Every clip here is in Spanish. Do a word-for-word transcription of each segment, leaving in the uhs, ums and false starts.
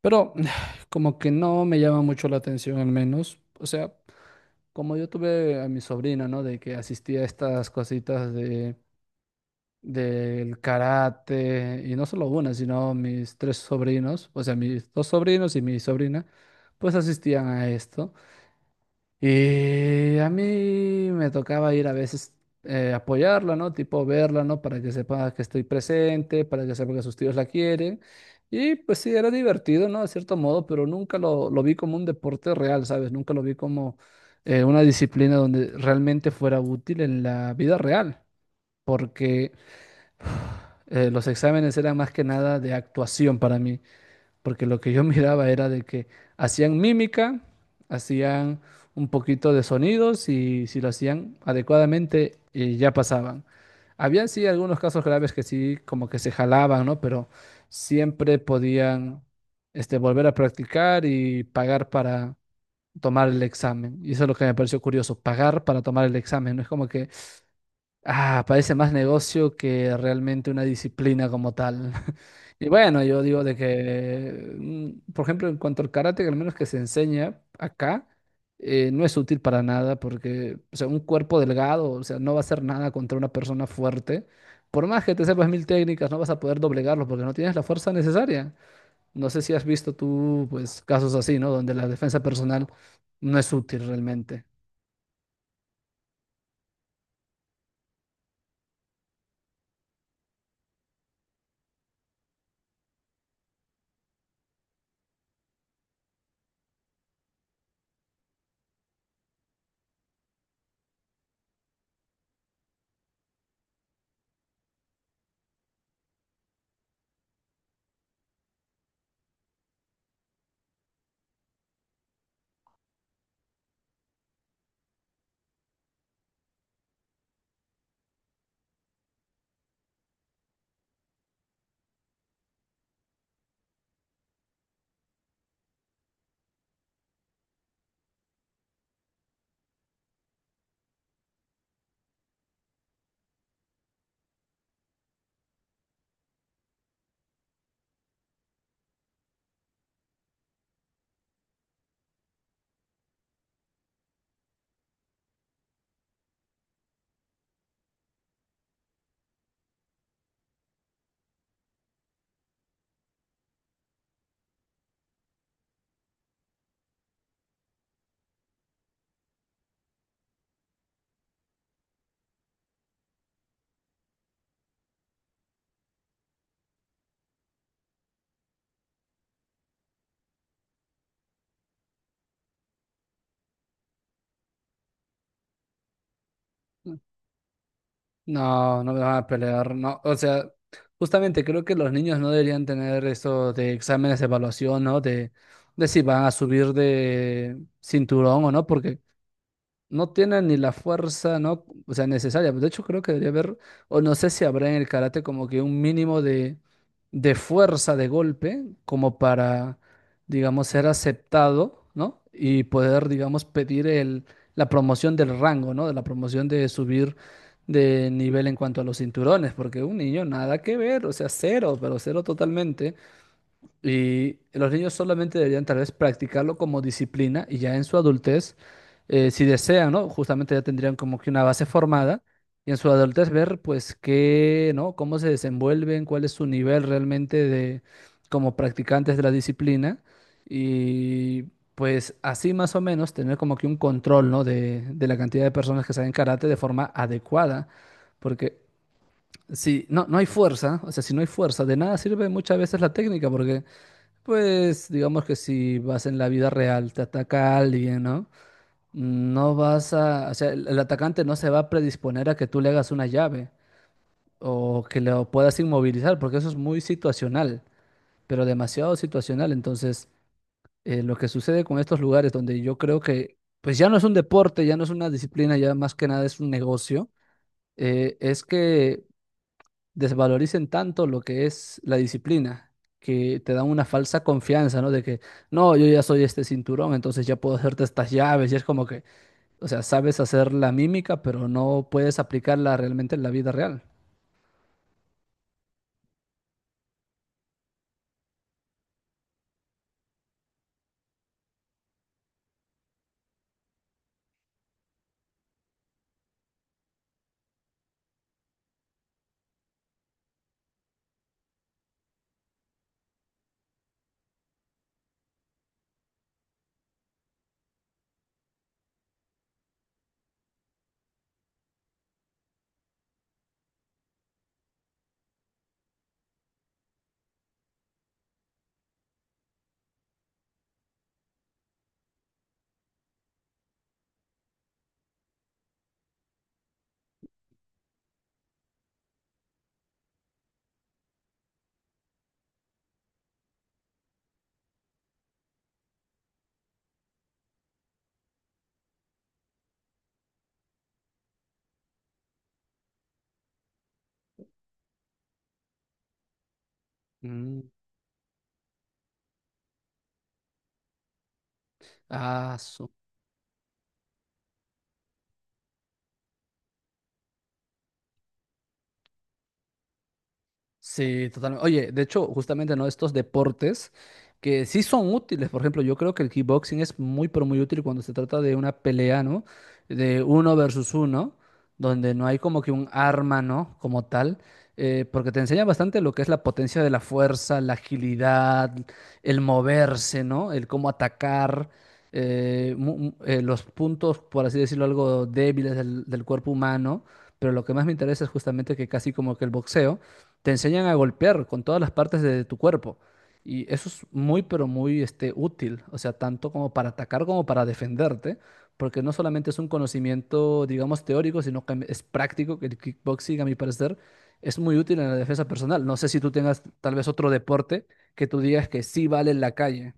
Pero como que no me llama mucho la atención al menos. O sea, como yo tuve a mi sobrina, ¿no? De que asistía a estas cositas de, del karate, y no solo una, sino mis tres sobrinos, o sea, mis dos sobrinos y mi sobrina, pues asistían a esto. Y a mí me tocaba ir a veces eh, apoyarla, ¿no? Tipo verla, ¿no? Para que sepa que estoy presente, para que sepa que sus tíos la quieren. Y pues sí, era divertido, ¿no? De cierto modo, pero nunca lo, lo vi como un deporte real, ¿sabes? Nunca lo vi como eh, una disciplina donde realmente fuera útil en la vida real, porque eh, los exámenes eran más que nada de actuación para mí porque lo que yo miraba era de que hacían mímica, hacían un poquito de sonidos y si lo hacían adecuadamente eh, ya pasaban. Habían sí algunos casos graves que sí como que se jalaban, ¿no? Pero siempre podían este, volver a practicar y pagar para tomar el examen. Y eso es lo que me pareció curioso, pagar para tomar el examen. No es como que ah, parece más negocio que realmente una disciplina como tal. Y bueno, yo digo de que, mm, por ejemplo, en cuanto al karate, al menos que se enseña acá, eh, no es útil para nada porque, o sea, un cuerpo delgado, o sea, no va a hacer nada contra una persona fuerte. Por más que te sepas mil técnicas, no vas a poder doblegarlo porque no tienes la fuerza necesaria. No sé si has visto tú, pues, casos así, ¿no? Donde la defensa personal no es útil realmente. No, no me van a pelear, no. O sea, justamente creo que los niños no deberían tener eso de exámenes de evaluación, ¿no? De, de si van a subir de cinturón o no, porque no tienen ni la fuerza, ¿no? O sea, necesaria. De hecho, creo que debería haber, o no sé si habrá en el karate como que un mínimo de, de fuerza de golpe, como para, digamos, ser aceptado, ¿no? Y poder, digamos, pedir el, la promoción del rango, ¿no? De la promoción de subir de nivel en cuanto a los cinturones, porque un niño nada que ver, o sea, cero, pero cero totalmente. Y los niños solamente deberían tal vez practicarlo como disciplina y ya en su adultez, eh, si desean, ¿no? Justamente ya tendrían como que una base formada y en su adultez ver pues qué, ¿no? Cómo se desenvuelven, cuál es su nivel realmente de como practicantes de la disciplina y pues así más o menos tener como que un control, ¿no? De, de la cantidad de personas que saben karate de forma adecuada, porque si no, no hay fuerza, o sea, si no hay fuerza, de nada sirve muchas veces la técnica porque... Pues digamos que si vas en la vida real, te ataca alguien, ¿no? No vas a, o sea, el el atacante no se va a predisponer a que tú le hagas una llave o que lo puedas inmovilizar, porque eso es muy situacional, pero demasiado situacional. Entonces, eh, lo que sucede con estos lugares donde yo creo que, pues ya no es un deporte, ya no es una disciplina, ya más que nada es un negocio, eh, es que desvaloricen tanto lo que es la disciplina, que te dan una falsa confianza, ¿no? De que, no, yo ya soy este cinturón, entonces ya puedo hacerte estas llaves, y es como que, o sea, sabes hacer la mímica, pero no puedes aplicarla realmente en la vida real. Mm. Ah, su- Sí, totalmente. Oye, de hecho, justamente, ¿no? Estos deportes que sí son útiles. Por ejemplo, yo creo que el kickboxing es muy, pero muy útil cuando se trata de una pelea, ¿no? De uno versus uno, donde no hay como que un arma, ¿no? Como tal, eh, porque te enseña bastante lo que es la potencia de la fuerza, la agilidad, el moverse, ¿no? El cómo atacar, eh, mu- mu- eh, los puntos, por así decirlo, algo débiles del del cuerpo humano. Pero lo que más me interesa es justamente que casi como que el boxeo te enseñan a golpear con todas las partes de tu cuerpo. Y eso es muy, pero muy este, útil, o sea, tanto como para atacar como para defenderte, porque no solamente es un conocimiento, digamos, teórico, sino que es práctico, que el kickboxing, a mi parecer, es muy útil en la defensa personal. No sé si tú tengas tal vez otro deporte que tú digas que sí vale en la calle.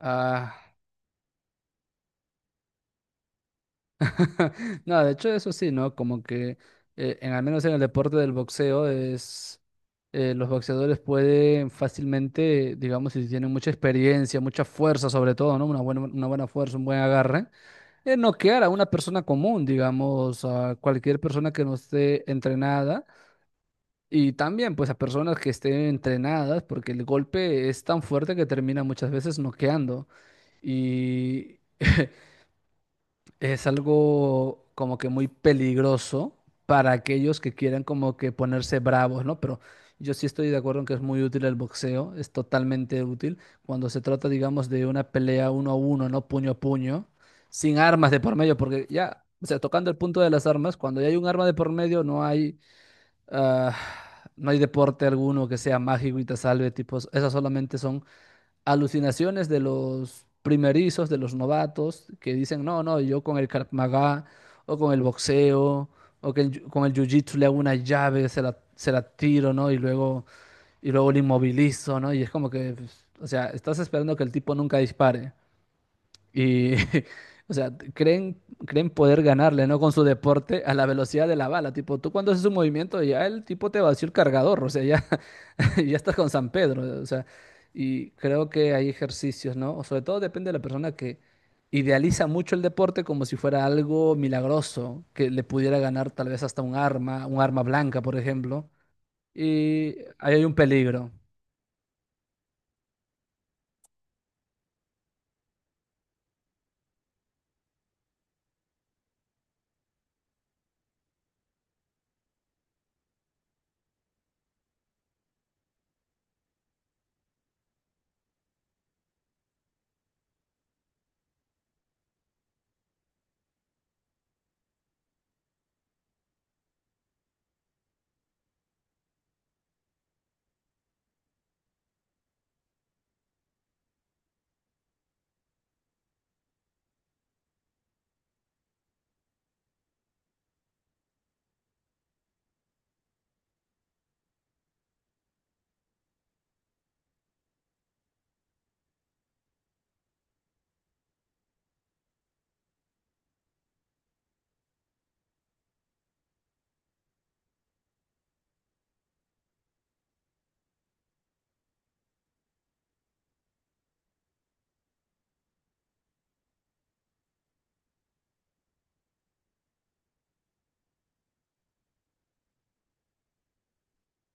Ah. No, de hecho eso sí, ¿no? Como que eh, en al menos en el deporte del boxeo es eh, los boxeadores pueden fácilmente, digamos, si tienen mucha experiencia, mucha fuerza sobre todo, ¿no? Una buena, una buena fuerza, un buen agarre, eh, noquear a una persona común, digamos, a cualquier persona que no esté entrenada y también pues a personas que estén entrenadas porque el golpe es tan fuerte que termina muchas veces noqueando. Y es algo como que muy peligroso para aquellos que quieran como que ponerse bravos, ¿no? Pero yo sí estoy de acuerdo en que es muy útil el boxeo, es totalmente útil cuando se trata, digamos, de una pelea uno a uno, ¿no? Puño a puño, sin armas de por medio, porque ya, o sea, tocando el punto de las armas, cuando ya hay un arma de por medio, no hay, ah, no hay deporte alguno que sea mágico y te salve, tipos, esas solamente son alucinaciones de los primerizos, de los novatos, que dicen, no, no, yo con el Krav Maga, o con el boxeo, o que el yu- con el jiu-jitsu le hago una llave, se la, se la tiro, ¿no? Y luego, y luego le inmovilizo, ¿no? Y es como que, pues, o sea, estás esperando que el tipo nunca dispare. Y, o sea, creen, creen poder ganarle, ¿no? Con su deporte a la velocidad de la bala. Tipo, tú cuando haces un movimiento, ya el tipo te vació el cargador, o sea, ya, ya estás con San Pedro, o sea, y creo que hay ejercicios, ¿no? O sobre todo depende de la persona que idealiza mucho el deporte como si fuera algo milagroso, que le pudiera ganar tal vez hasta un arma, un arma blanca, por ejemplo, y ahí hay un peligro.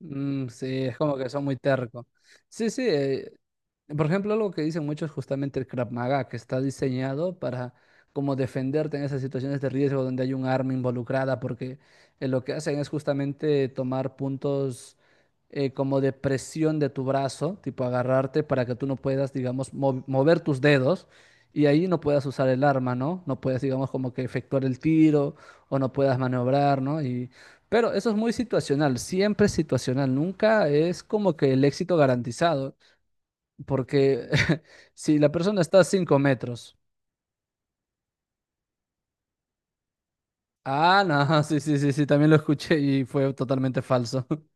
Mm, sí, es como que son muy tercos. Sí, sí. Eh, por ejemplo, algo que dicen muchos es justamente el Krav Maga, que está diseñado para como defenderte en esas situaciones de riesgo donde hay un arma involucrada, porque eh, lo que hacen es justamente tomar puntos eh, como de presión de tu brazo, tipo agarrarte para que tú no puedas, digamos, mov- mover tus dedos y ahí no puedas usar el arma, ¿no? No puedas, digamos, como que efectuar el tiro o no puedas maniobrar, ¿no? Y pero eso es muy situacional, siempre es situacional, nunca es como que el éxito garantizado, porque si la persona está a cinco metros, ah, no, sí, sí, sí, sí, también lo escuché y fue totalmente falso.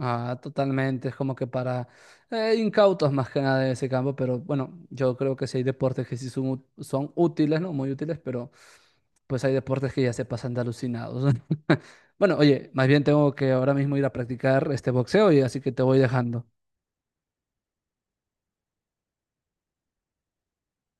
Ah, totalmente, es como que para eh, incautos más que nada de ese campo, pero bueno, yo creo que sí hay deportes que sí son, ú- son útiles, ¿no? Muy útiles, pero pues hay deportes que ya se pasan de alucinados. Bueno, oye, más bien tengo que ahora mismo ir a practicar este boxeo y así que te voy dejando.